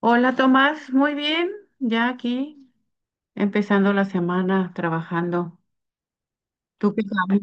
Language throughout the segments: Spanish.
Hola Tomás, muy bien, ya aquí empezando la semana trabajando. ¿Tú qué sabes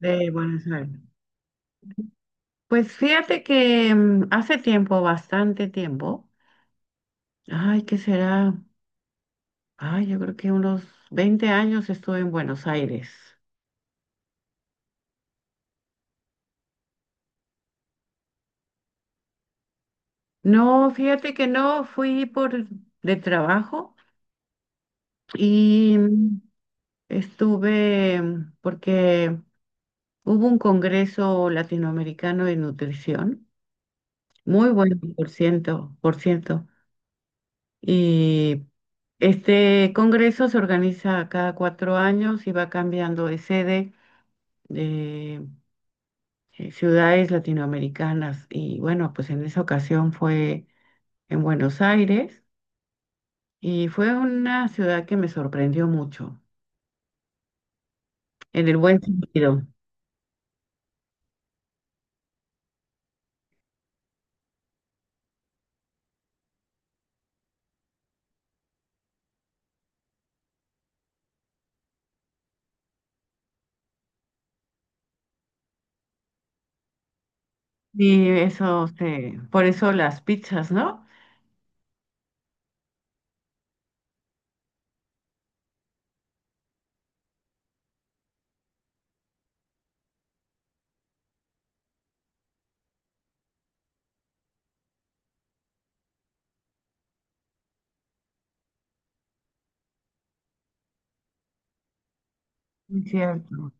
de Buenos Aires? Pues fíjate que hace tiempo, bastante tiempo, ay, ¿qué será? Ay, yo creo que unos 20 años estuve en Buenos Aires. No, fíjate que no, fui por de trabajo y estuve porque hubo un congreso latinoamericano de nutrición. Muy buen por ciento, por ciento. Y este congreso se organiza cada 4 años y va cambiando de sede de ciudades latinoamericanas. Y bueno, pues en esa ocasión fue en Buenos Aires y fue una ciudad que me sorprendió mucho, en el buen sentido. Y eso, por eso las pizzas, ¿no? Es cierto.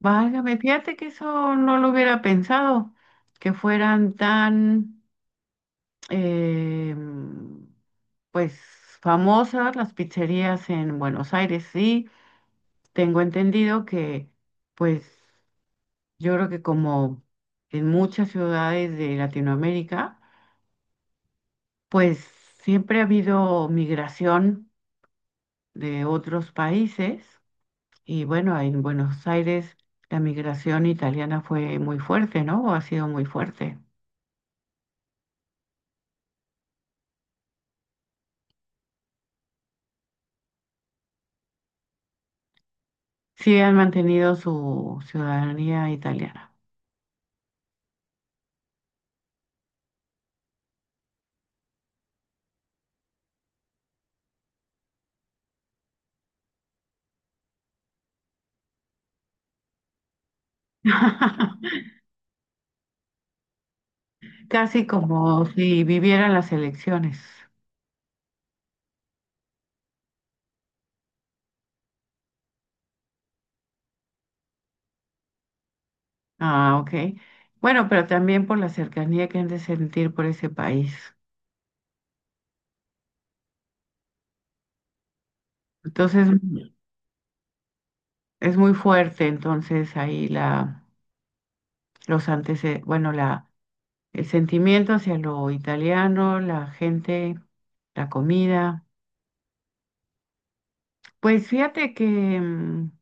Válgame, fíjate que eso no lo hubiera pensado, que fueran tan, eh, pues, famosas las pizzerías en Buenos Aires. Sí, tengo entendido que, pues, yo creo que como en muchas ciudades de Latinoamérica, pues siempre ha habido migración de otros países. Y bueno, en Buenos Aires la migración italiana fue muy fuerte, ¿no? O ha sido muy fuerte. Sí han mantenido su ciudadanía italiana. Casi como si vivieran las elecciones. Ah, ok. Bueno, pero también por la cercanía que han de sentir por ese país. Entonces, ujú. Es muy fuerte, entonces ahí la, los antecedentes, bueno, la, el sentimiento hacia lo italiano, la gente, la comida. Pues fíjate que mm,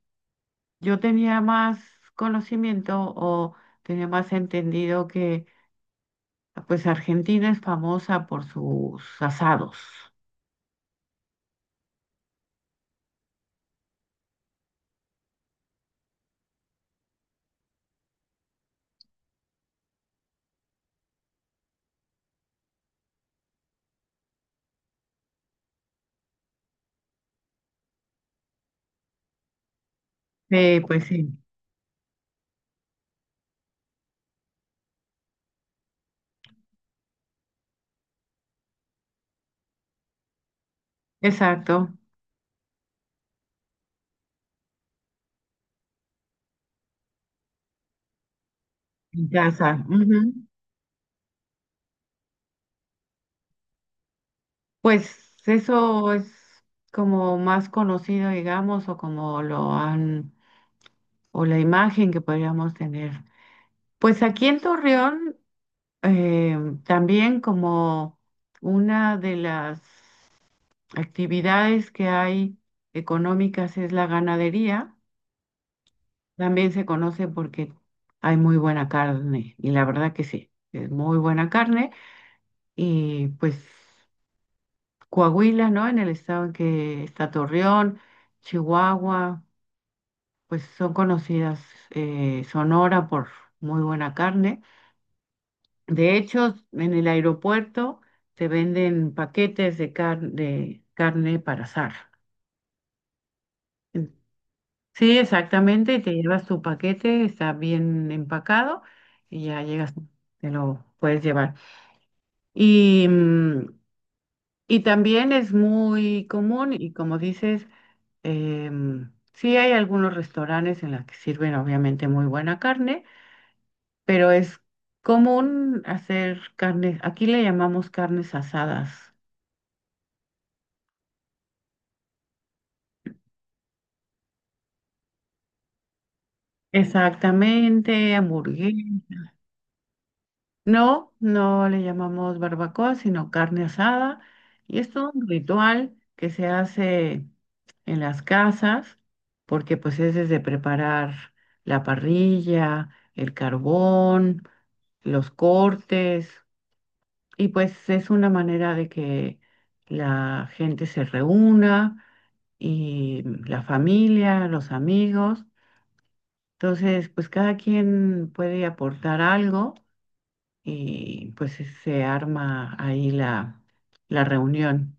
yo tenía más conocimiento o tenía más entendido que pues Argentina es famosa por sus asados. Sí, pues sí, exacto, en casa. Ujú. Pues eso es como más conocido, digamos, o como lo han, o la imagen que podríamos tener. Pues aquí en Torreón, eh, también como una de las actividades que hay económicas es la ganadería. También se conoce porque hay muy buena carne y la verdad que sí, es muy buena carne y pues Coahuila, ¿no? En el estado en que está Torreón, Chihuahua, pues son conocidas, Sonora por muy buena carne. De hecho, en el aeropuerto se venden paquetes de carne para asar. En- Sí, exactamente, te llevas tu paquete, está bien empacado y ya llegas, te lo puedes llevar. Y, mm, y también es muy común y como dices, sí hay algunos restaurantes en los que sirven obviamente muy buena carne, pero es común hacer carnes, aquí le llamamos carnes asadas. Exactamente, hamburguesas. No, no le llamamos barbacoa, sino carne asada. Y es todo un ritual que se hace en las casas, porque pues es desde preparar la parrilla, el carbón, los cortes, y pues es una manera de que la gente se reúna y la familia, los amigos. Entonces, pues cada quien puede aportar algo y pues sí se arma ahí la, la reunión.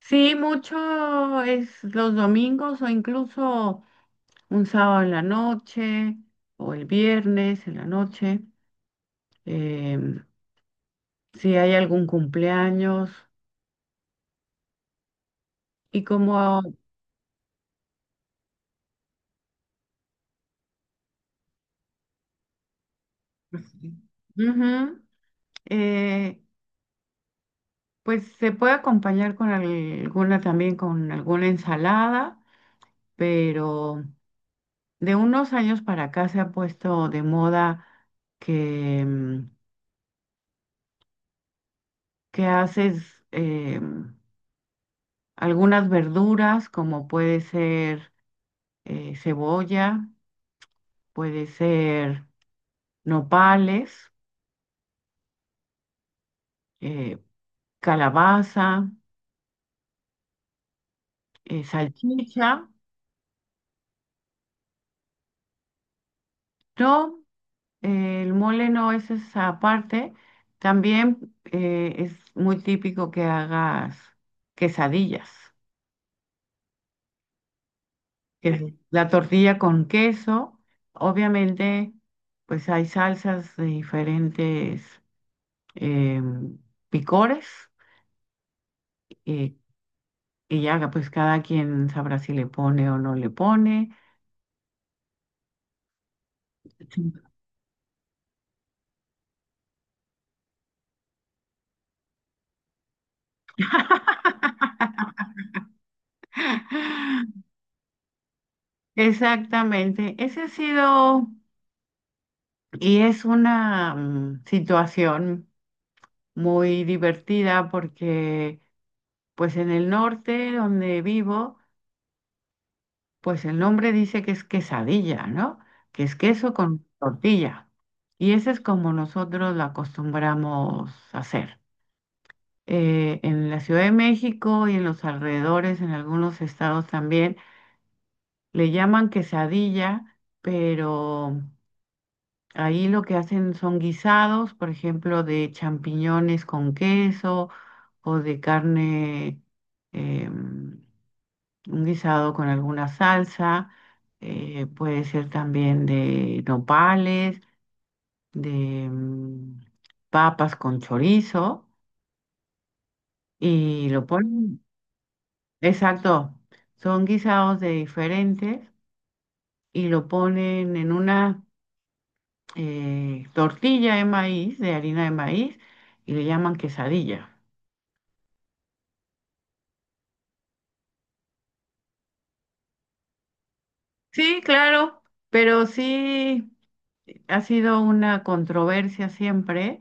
Sí, mucho es los domingos o incluso un sábado en la noche o el viernes en la noche, em, si hay algún cumpleaños y como, ujú, eh, pues se puede acompañar con alguna también, con alguna ensalada, pero... De unos años para acá se ha puesto de moda que, mm, que haces algunas verduras, como puede ser cebolla, puede ser nopales, eh, calabaza, salchicha. No, el mole no es esa parte. También es muy típico que hagas quesadillas. La tortilla con queso. Obviamente, pues hay salsas de diferentes em, picores y, y ya pues cada quien sabrá si le pone o no le pone. Sí. Exactamente. Ese ha sido y es una situación muy divertida porque pues en el norte donde vivo, pues el nombre dice que es quesadilla, ¿no? Que es queso con tortilla. Y ese es como nosotros la acostumbramos hacer. En la Ciudad de México y en los alrededores, en algunos estados también, le llaman quesadilla, pero ahí lo que hacen son guisados, por ejemplo, de champiñones con queso o de carne, em, un guisado con alguna salsa, puede ser también de nopales, de papas con chorizo y lo ponen, exacto, son guisados de diferentes y lo ponen en una tortilla de maíz, de harina de maíz y le llaman quesadilla. Sí, claro, pero sí ha sido una controversia siempre.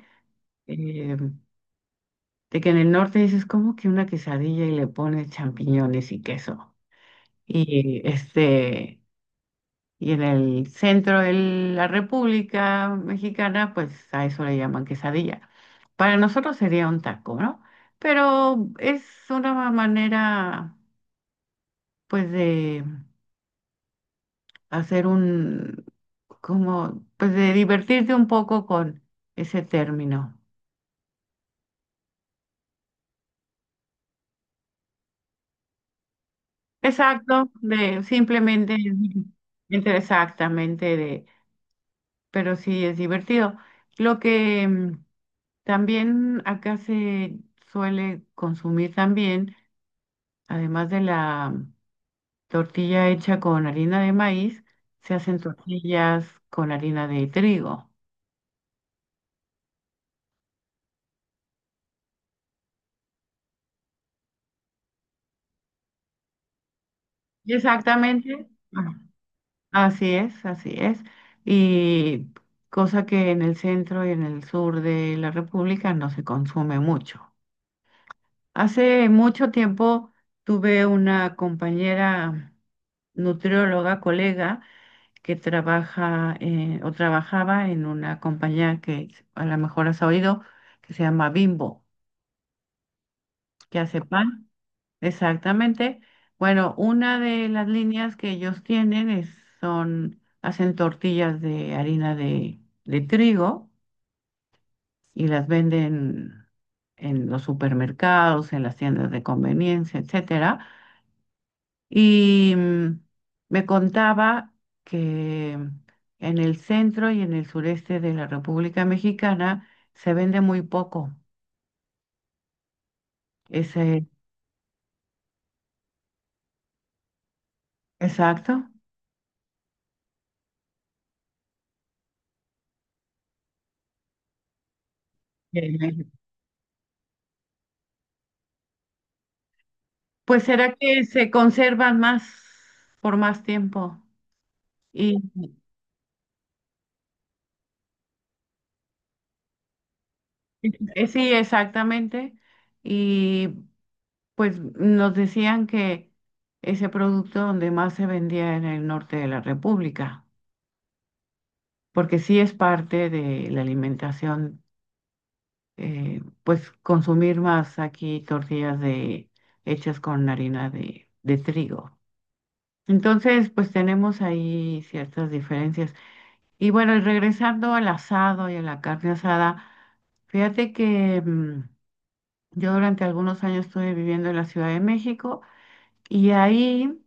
eh, De que en el norte dices, ¿como que una quesadilla y le pones champiñones y queso? Y este, y en el centro de la República Mexicana, pues a eso le llaman quesadilla. Para nosotros sería un taco, ¿no? Pero es una manera, pues, de hacer un, como, pues, de divertirte un poco con ese término. Exacto, de simplemente, exactamente de, pero sí es divertido. Lo que también acá se suele consumir también, además de la tortilla hecha con harina de maíz, se hacen tortillas con harina de trigo. Exactamente. Ah, así es, así es. Y cosa que en el centro y en el sur de la República no se consume mucho. Hace mucho tiempo tuve una compañera nutrióloga, colega, que trabaja o trabajaba en una compañía que a lo mejor has oído, que se llama Bimbo, que hace pan. Exactamente. Bueno, una de las líneas que ellos tienen es, son, hacen tortillas de harina de trigo y las venden en los supermercados, en las tiendas de conveniencia, etcétera. Y me contaba que en el centro y en el sureste de la República Mexicana se vende muy poco ese exacto. En México. Pues será que se conservan más por más tiempo. Y sí, exactamente. Y pues nos decían que ese producto donde más se vendía en el norte de la República, porque sí es parte de la alimentación, pues consumir más aquí tortillas de, hechas con harina de trigo. Entonces, pues tenemos ahí ciertas diferencias. Y bueno, y regresando al asado y a la carne asada, fíjate que yo durante algunos años estuve viviendo en la Ciudad de México y ahí,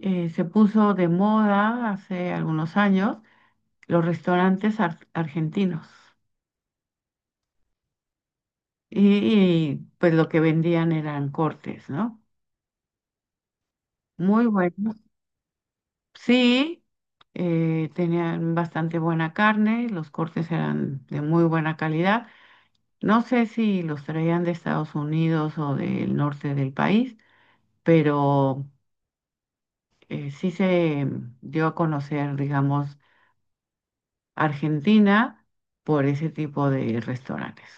se puso de moda hace algunos años los restaurantes argentinos. Y, y pues lo que vendían eran cortes, ¿no? Muy bueno. Sí, tenían bastante buena carne, los cortes eran de muy buena calidad. No sé si los traían de Estados Unidos o del norte del país, pero sí se dio a conocer, digamos, Argentina por ese tipo de restaurantes.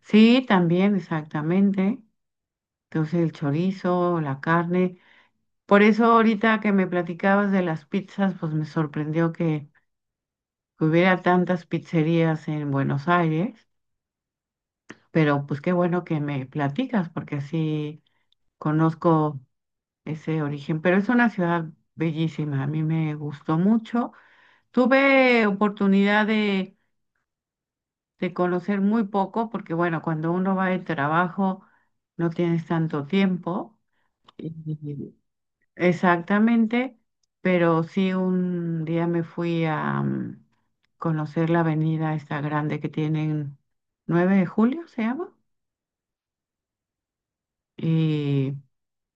Sí, también, exactamente. Entonces el chorizo, la carne. Por eso ahorita que me platicabas de las pizzas, pues me sorprendió que hubiera tantas pizzerías en Buenos Aires, pero pues qué bueno que me platicas porque sí conozco ese origen, pero es una ciudad bellísima, a mí me gustó mucho. Tuve oportunidad de conocer muy poco porque bueno, cuando uno va de trabajo no tienes tanto tiempo. Y exactamente, pero sí un día me fui a, conocer la avenida esta grande que tienen, 9 de Julio, se llama, y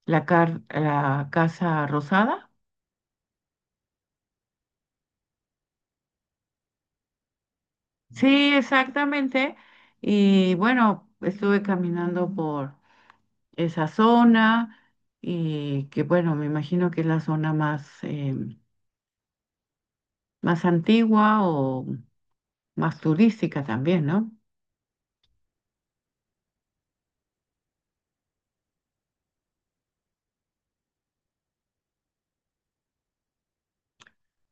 la Casa Rosada. Sí, exactamente. Y bueno, estuve caminando por esa zona y que bueno, me imagino que es la zona más antigua o más turística también, ¿no?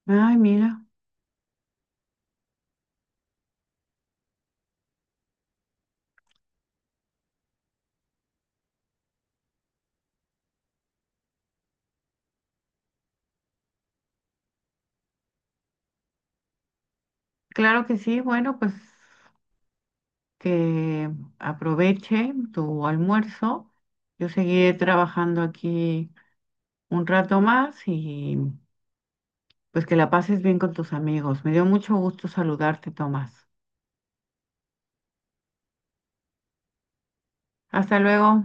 Ay, mira. Claro que sí, bueno, pues que aproveche tu almuerzo. Yo seguiré trabajando aquí un rato más y pues que la pases bien con tus amigos. Me dio mucho gusto saludarte, Tomás. Hasta luego.